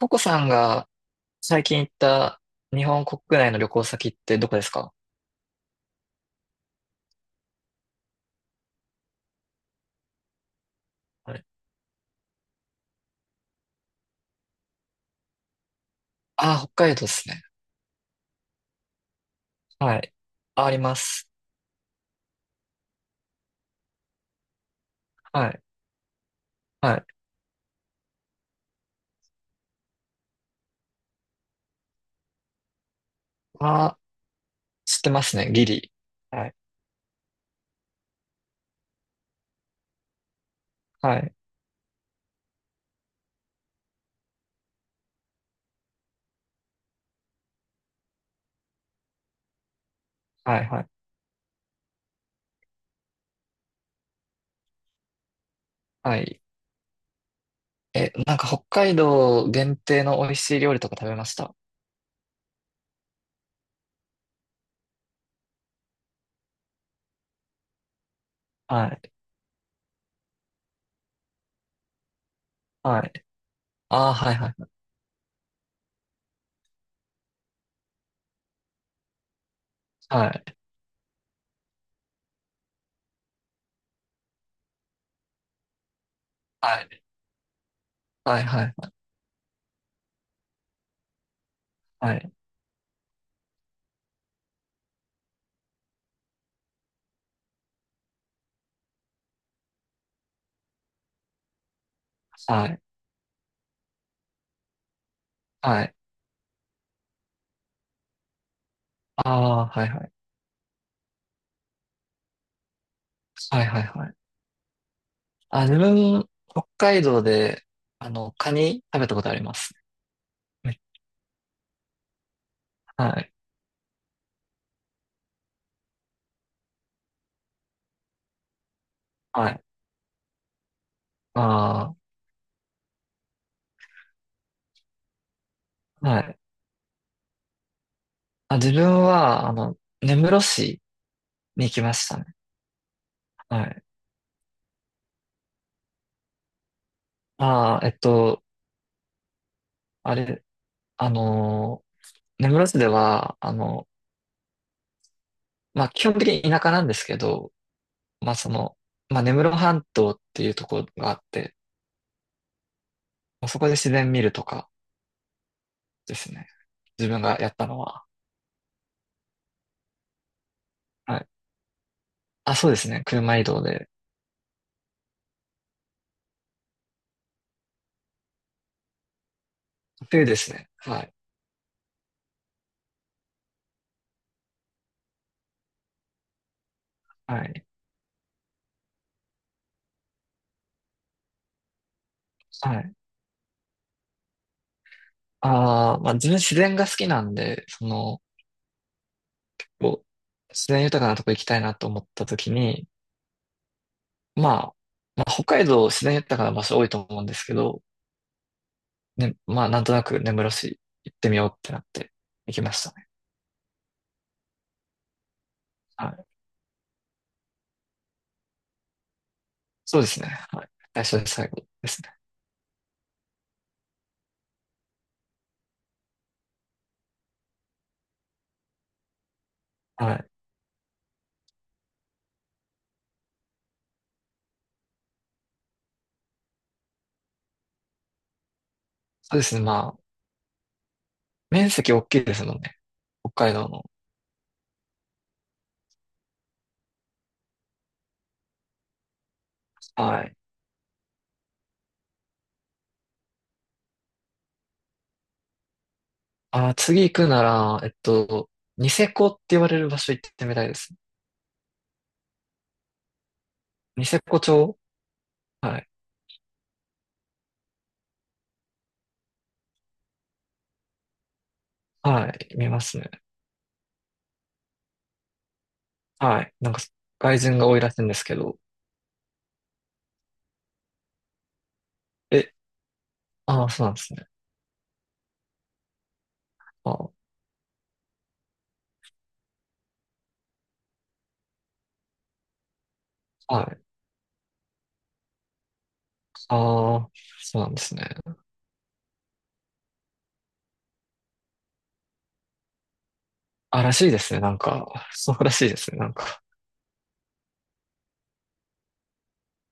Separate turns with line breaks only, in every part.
ココさんが最近行った日本国内の旅行先ってどこですか？あれ。あー、北海道ですね。はい。あ、あります。はい。はい。あー、知ってますね。ギリ。はい。はい。はい。はい。はい。え、なんか北海道限定の美味しい料理とか食べました？はい。はい。あー、はい。はい。はい。はい。はい。はい。はい。はい。はい。あー、はい。はい。はい。はい。はい。あ、自分、北海道で、カニ食べたことあります。はい。はい。ああ、はい。あ、自分は、根室市に行きましたね。はい。ああ、あれ、あの根室市では、まあ、基本的に田舎なんですけど、まあ、その、まあ、根室半島っていうところがあって、まあそこで自然見るとかですね。自分がやったのは。はい。あ、そうですね。車移動で。冬ですね。はい。はい。はい。ああ、まあ、自分自然が好きなんで、その、こう、自然豊かなとこ行きたいなと思った時に、まあ、まあ、北海道自然豊かな場所多いと思うんですけど、ね、まあ、なんとなく根室市行ってみようってなって行きましたね。はい。そうですね。はい。最初で最後ですね。はい。そうですね。まあ、面積大きいですもんね。北海道の。はい。あー、次行くなら、ニセコって言われる場所行ってみたいですね。ニセコ町。はい。はい。見ますね。はい。なんか、外人が多いらしいんですけど。え、ああ、そうなんですね。あ、はい。ああ、そうなんですね。あ、らしいですね。なんか、そうらしいですね。なんか、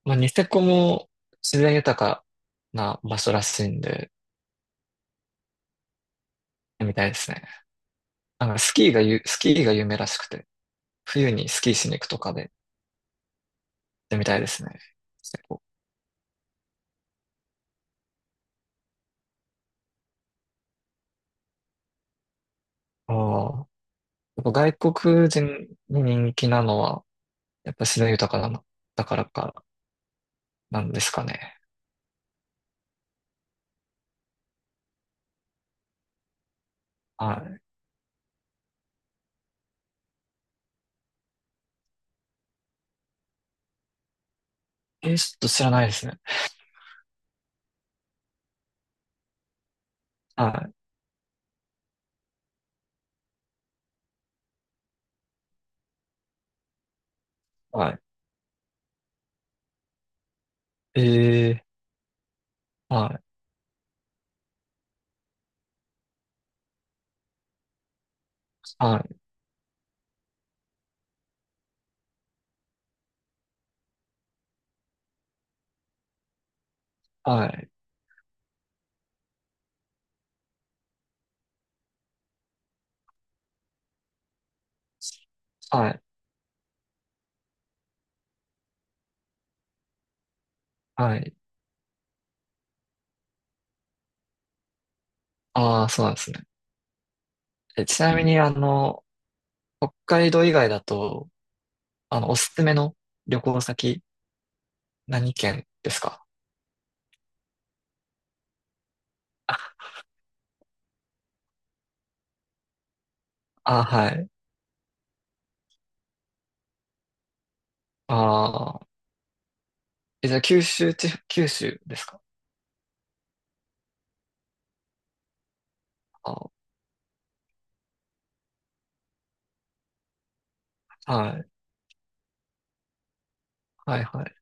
まあ、ニセコも自然豊かな場所らしいんで、みたいですね。なんか、スキーが有名らしくて、冬にスキーしに行くとかで、でみたいですね。結構、ああ、やっぱ外国人に人気なのは、やっぱ自然豊かなの、だからか、なんですかね。はい。ちょっと知らないですね。はい。はい。はい。はい。はい。はい。はい。ああ、そうなんですね。え、ちなみに、北海道以外だと、おすすめの旅行先、何県ですか？あ、あ、はい。ああ、え、じゃあ、九州ですか？あはい。はい、はい。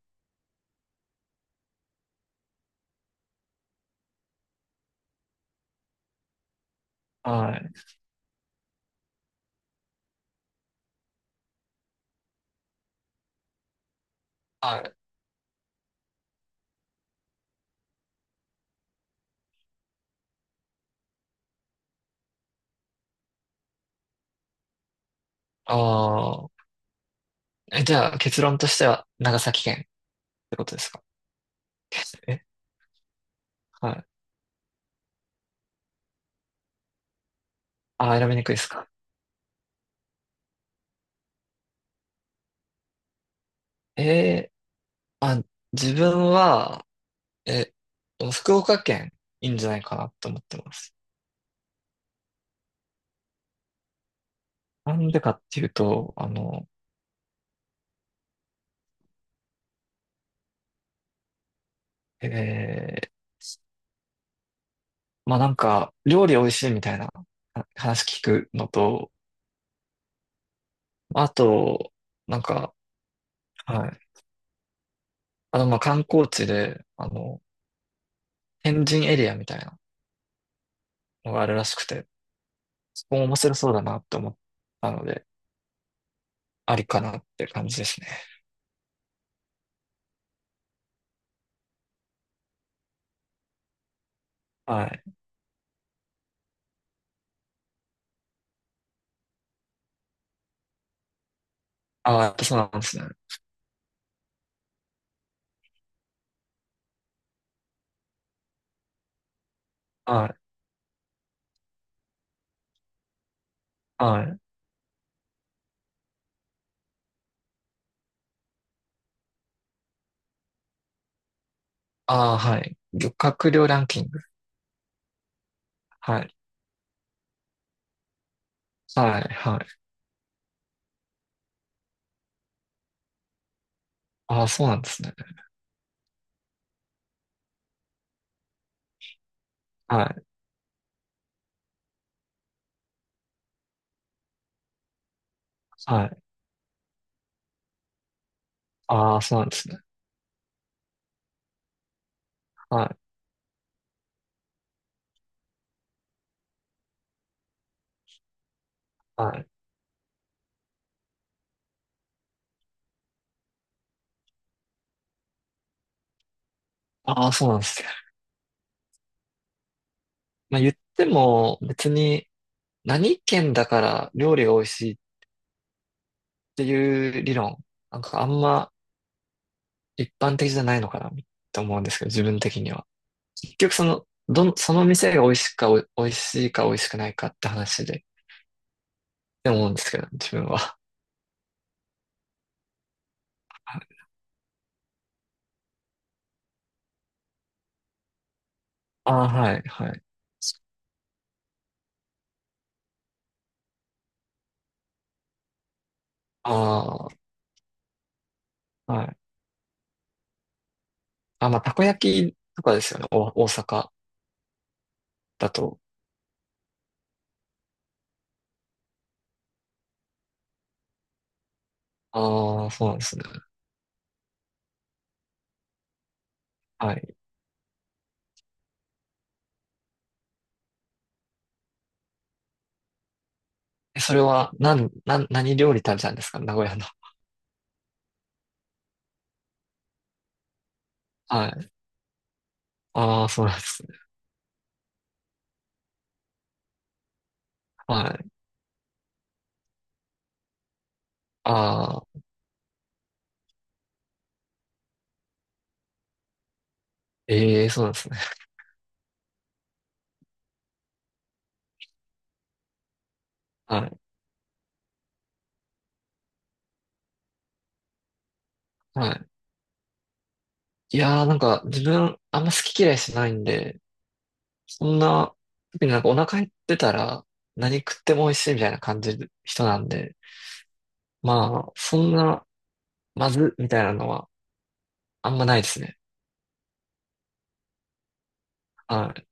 はい。はい。ああ、え、じゃあ、結論としては、長崎県ってことですか？え、はい。ああ、選びにくいですか？ええあ、自分は、え、福岡県、いいんじゃないかなと思ってます。なんでかっていうと、えー、まあなんか、料理美味しいみたいなあ話聞くのと、あと、なんか、はい。まあ観光地で、天神エリアみたいなのがあるらしくて、そこも面白そうだなって思ったので、ありかなって感じですね。はい。ああ、やっぱそうなんですね。はい。はい。ああ、はい。漁獲量ランキング。はい。はい。はい。ああ、そうなんですね。はい。はい。ああ、そうなんですね。はい。はい。ああ、そうなんですよ。まあ言っても別に何県だから料理が美味しいっていう理論、なんかあんま一般的じゃないのかなって思うんですけど、自分的には。結局その、その店が美味しいか美味しいか美味しくないかって話で、って思うんですけど、自分は。ああ、はい、はい。ああ、はい。あ、まあ、たこ焼きとかですよね、大阪だと。ああ、そうなんですね。はい。それは、なん、なん、何料理食べたんですか名古屋の？はい。ああ、そうなんですね。はい。ああ、ええ、そうなんですね。はい。はい。いやー、なんか自分、あんま好き嫌いしないんで、そんな、特になんかお腹減ってたら、何食っても美味しいみたいな感じる人なんで、まあ、そんな、まず、みたいなのは、あんまないですね。はい。